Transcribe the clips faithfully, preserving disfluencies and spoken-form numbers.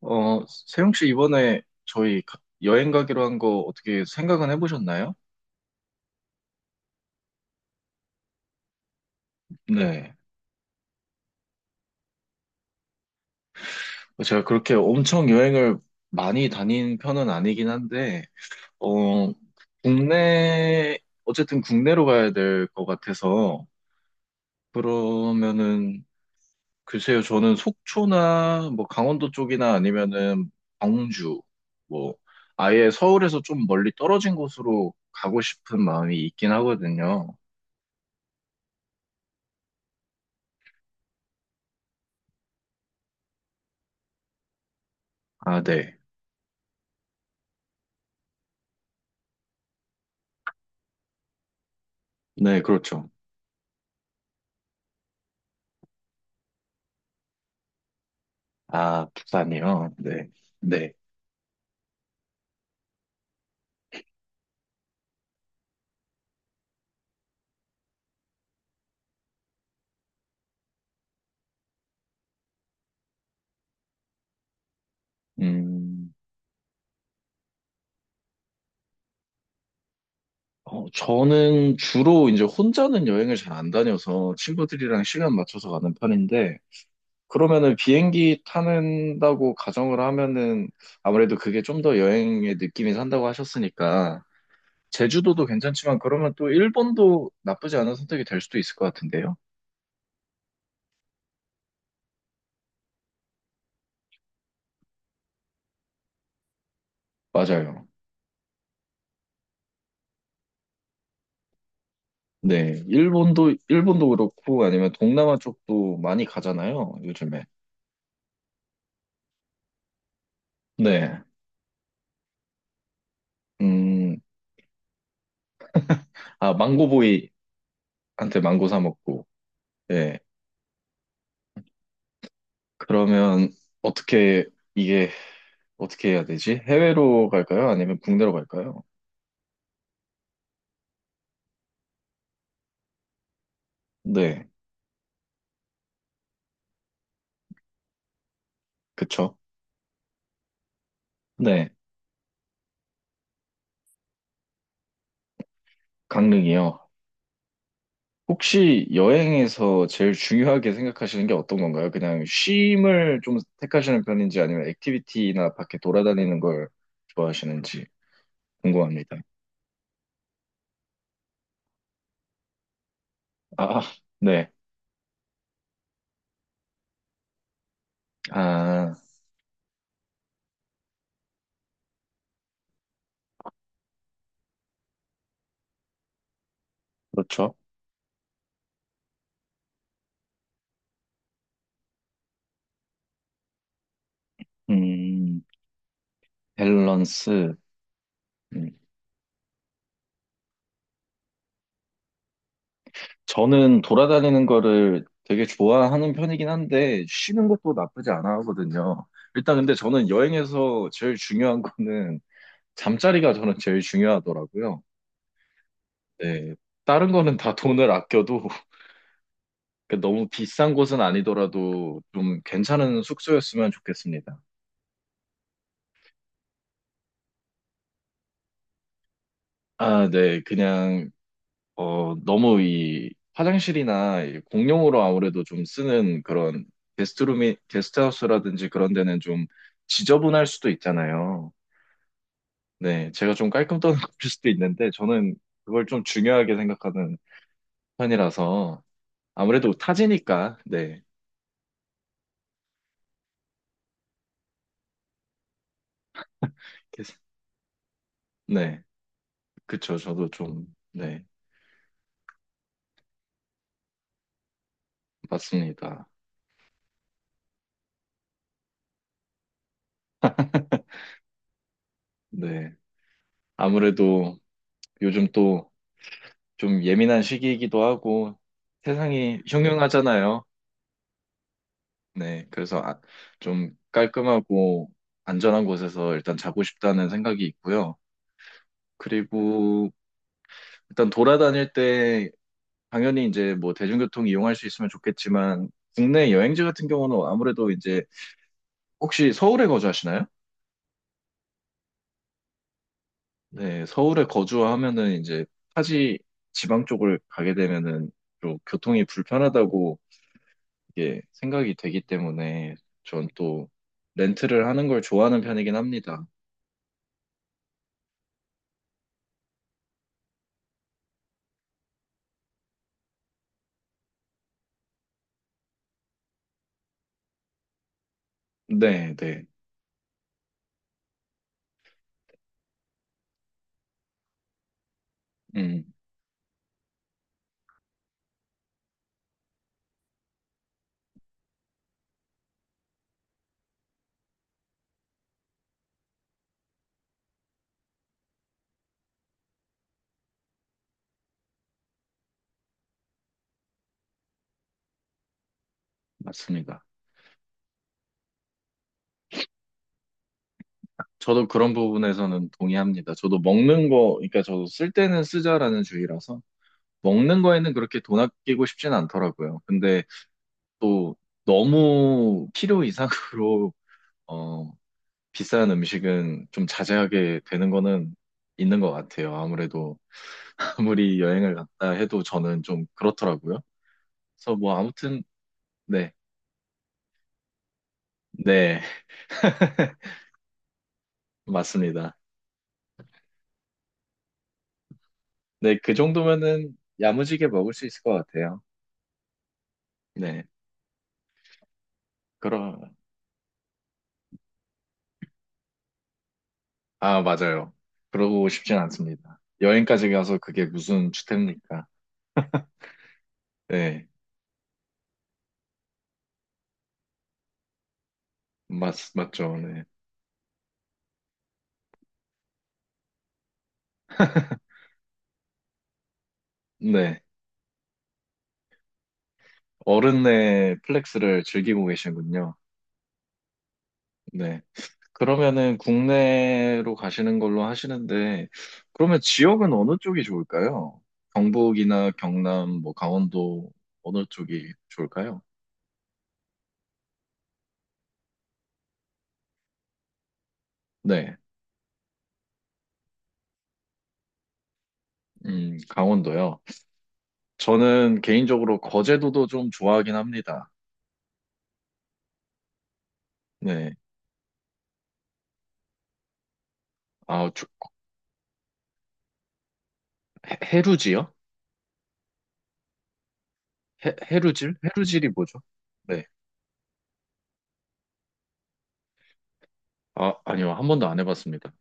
어, 세용 씨 이번에 저희 가- 여행 가기로 한 거 어떻게 생각은 해보셨나요? 네. 어, 제가 그렇게 엄청 여행을 많이 다닌 편은 아니긴 한데, 어, 국내, 어쨌든 국내로 가야 될 것 같아서, 그러면은, 글쎄요, 저는 속초나 뭐 강원도 쪽이나 아니면은 광주, 뭐, 아예 서울에서 좀 멀리 떨어진 곳으로 가고 싶은 마음이 있긴 하거든요. 아, 네. 네, 그렇죠. 아, 부산이요? 네. 네. 음, 어, 저는 주로 이제 혼자는 여행을 잘 안 다녀서 친구들이랑 시간 맞춰서 가는 편인데, 그러면은 비행기 타는다고 가정을 하면은 아무래도 그게 좀 더 여행의 느낌이 산다고 하셨으니까, 제주도도 괜찮지만 그러면 또 일본도 나쁘지 않은 선택이 될 수도 있을 것 같은데요? 맞아요. 네. 일본도, 일본도 그렇고 아니면 동남아 쪽도 많이 가잖아요, 요즘에. 네. 음, 아, 망고보이한테 망고 사 먹고, 예. 그러면 어떻게, 이게 어떻게 해야 되지? 해외로 갈까요? 아니면 국내로 갈까요? 네, 그쵸. 네, 강릉이요. 혹시 여행에서 제일 중요하게 생각하시는 게 어떤 건가요? 그냥 쉼을 좀 택하시는 편인지 아니면 액티비티나 밖에 돌아다니는 걸 좋아하시는지 궁금합니다. 아, 네. 아, 그렇죠. 음, 밸런스. 음. 저는 돌아다니는 거를 되게 좋아하는 편이긴 한데, 쉬는 것도 나쁘지 않아 하거든요. 일단 근데 저는 여행에서 제일 중요한 거는 잠자리가 저는 제일 중요하더라고요. 네. 다른 거는 다 돈을 아껴도 그 너무 비싼 곳은 아니더라도 좀 괜찮은 숙소였으면 좋겠습니다. 아, 네. 그냥 어, 너무 이 화장실이나 이 공용으로 아무래도 좀 쓰는 그런 게스트룸이, 게스트하우스라든지 그런 데는 좀 지저분할 수도 있잖아요. 네, 제가 좀 깔끔 떠는 걸 수도 있는데 저는 그걸 좀 중요하게 생각하는 편이라서 아무래도 타지니까, 네. 게스- 네, 그쵸. 저도 좀, 네, 맞습니다. 네. 아무래도 요즘 또 좀 예민한 시기이기도 하고 세상이 네. 흉흉하잖아요. 네, 그래서 아- 좀 깔끔하고 안전한 곳에서 일단 자고 싶다는 생각이 있고요. 그리고 일단 돌아다닐 때 당연히 이제 뭐 대중교통 이용할 수 있으면 좋겠지만 국내 여행지 같은 경우는 아무래도 이제 혹시 서울에 거주하시나요? 네, 서울에 거주하면은 이제 타지 지방 쪽을 가게 되면은 좀 교통이 불편하다고 이게 생각이 되기 때문에 전 또 렌트를 하는 걸 좋아하는 편이긴 합니다. 네, 네. 음. 맞습니다. 저도 그런 부분에서는 동의합니다. 저도 먹는 거, 그러니까 저도 쓸 때는 쓰자라는 주의라서 먹는 거에는 그렇게 돈 아끼고 싶진 않더라고요. 근데 또 너무 필요 이상으로 어, 비싼 음식은 좀 자제하게 되는 거는 있는 것 같아요. 아무래도 아무리 여행을 갔다 해도 저는 좀 그렇더라고요. 그래서 뭐 아무튼 네, 네, 맞습니다. 네, 그 정도면은 야무지게 먹을 수 있을 것 같아요. 네, 그럼. 아, 맞아요. 그러고 싶진 않습니다. 여행까지 가서 그게 무슨 주택입니까? 네, 맞, 맞죠. 네. 네. 어른의 플렉스를 즐기고 계시군요. 네. 그러면은 국내로 가시는 걸로 하시는데, 그러면 지역은 어느 쪽이 좋을까요? 경북이나 경남, 뭐 강원도 어느 쪽이 좋을까요? 네. 음, 강원도요. 저는 개인적으로 거제도도 좀 좋아하긴 합니다. 네. 아, 조- 해- 해루지요? 해, 해루질? 해루질이 뭐죠? 네. 아, 아니요. 한 번도 안 해봤습니다.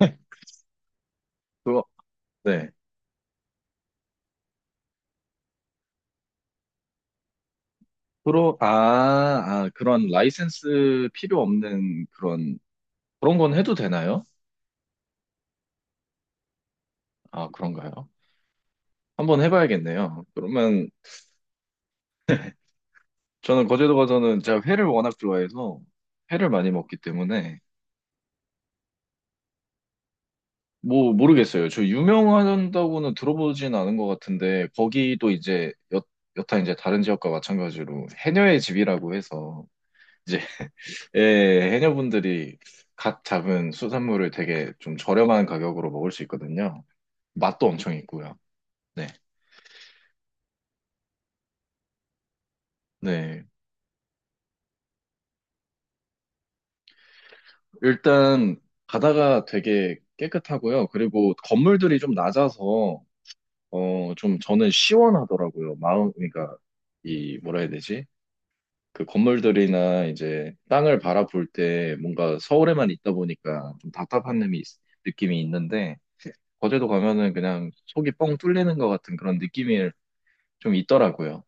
그거, 네. 프로, 아, 아, 그런 라이센스 필요 없는 그런, 그런 건 해도 되나요? 아, 그런가요? 한번 해봐야겠네요. 그러면 저는 거제도 가서는 제가 회를 워낙 좋아해서 회를 많이 먹기 때문에 뭐 모르겠어요. 저 유명하다고는 들어보진 않은 것 같은데 거기도 이제 여, 여타 이제 다른 지역과 마찬가지로 해녀의 집이라고 해서 이제 예, 해녀분들이 갓 잡은 수산물을 되게 좀 저렴한 가격으로 먹을 수 있거든요. 맛도 엄청 있고요. 네. 네. 일단 바다가 되게 깨끗하고요. 그리고 건물들이 좀 낮아서 어, 좀 저는 시원하더라고요. 마음 그러니까 이 뭐라 해야 되지? 그 건물들이나 이제 땅을 바라볼 때 뭔가 서울에만 있다 보니까 좀 답답한 느낌이, 있- 느낌이 있는데 거제도 가면은 그냥 속이 뻥 뚫리는 것 같은 그런 느낌일 좀 있더라고요.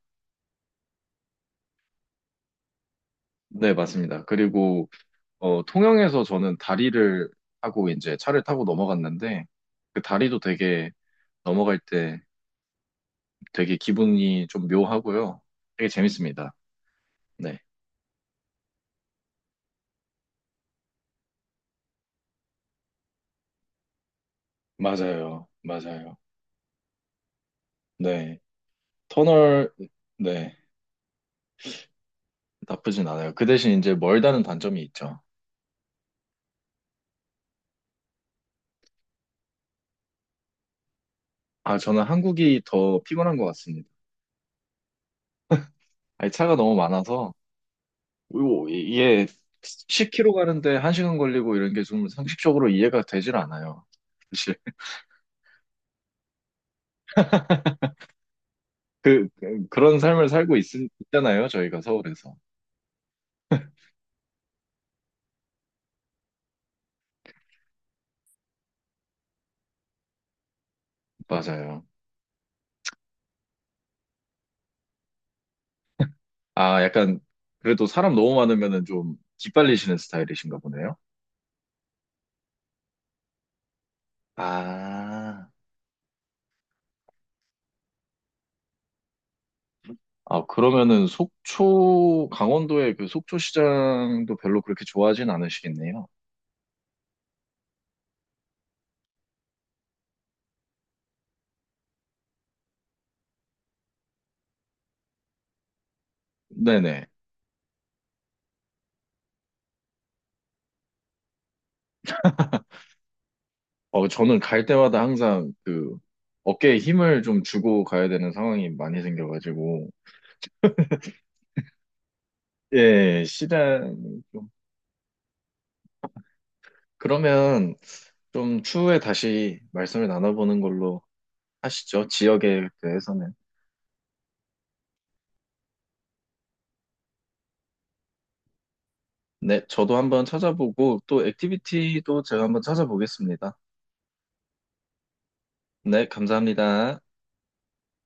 네, 맞습니다. 그리고 어, 통영에서 저는 다리를 하고 이제 차를 타고 넘어갔는데 그 다리도 되게 넘어갈 때 되게 기분이 좀 묘하고요. 되게 재밌습니다. 네, 맞아요, 맞아요. 네, 터널 네 나쁘진 않아요. 그 대신 이제 멀다는 단점이 있죠. 아, 저는 한국이 더 피곤한 것 같습니다. 아니, 차가 너무 많아서 요, 이게 십 킬로미터 가는데 한 시간 걸리고 이런 게 좀 상식적으로 이해가 되질 않아요. 사실 그 그- 그런 삶을 살고 있, 있잖아요. 저희가 서울에서. 맞아요. 아, 약간 그래도 사람 너무 많으면은 좀 기빨리시는 스타일이신가 보네요. 아, 아, 그러면은 속초, 강원도의 그 속초시장도 별로 그렇게 좋아하진 않으시겠네요. 네네. 어, 저는 갈 때마다 항상 그 어깨에 힘을 좀 주고 가야 되는 상황이 많이 생겨가지고, 예, 시간 좀. 그러면 좀 추후에 다시 말씀을 나눠보는 걸로 하시죠. 지역에 대해서는. 네, 저도 한번 찾아보고 또 액티비티도 제가 한번 찾아보겠습니다. 네, 감사합니다.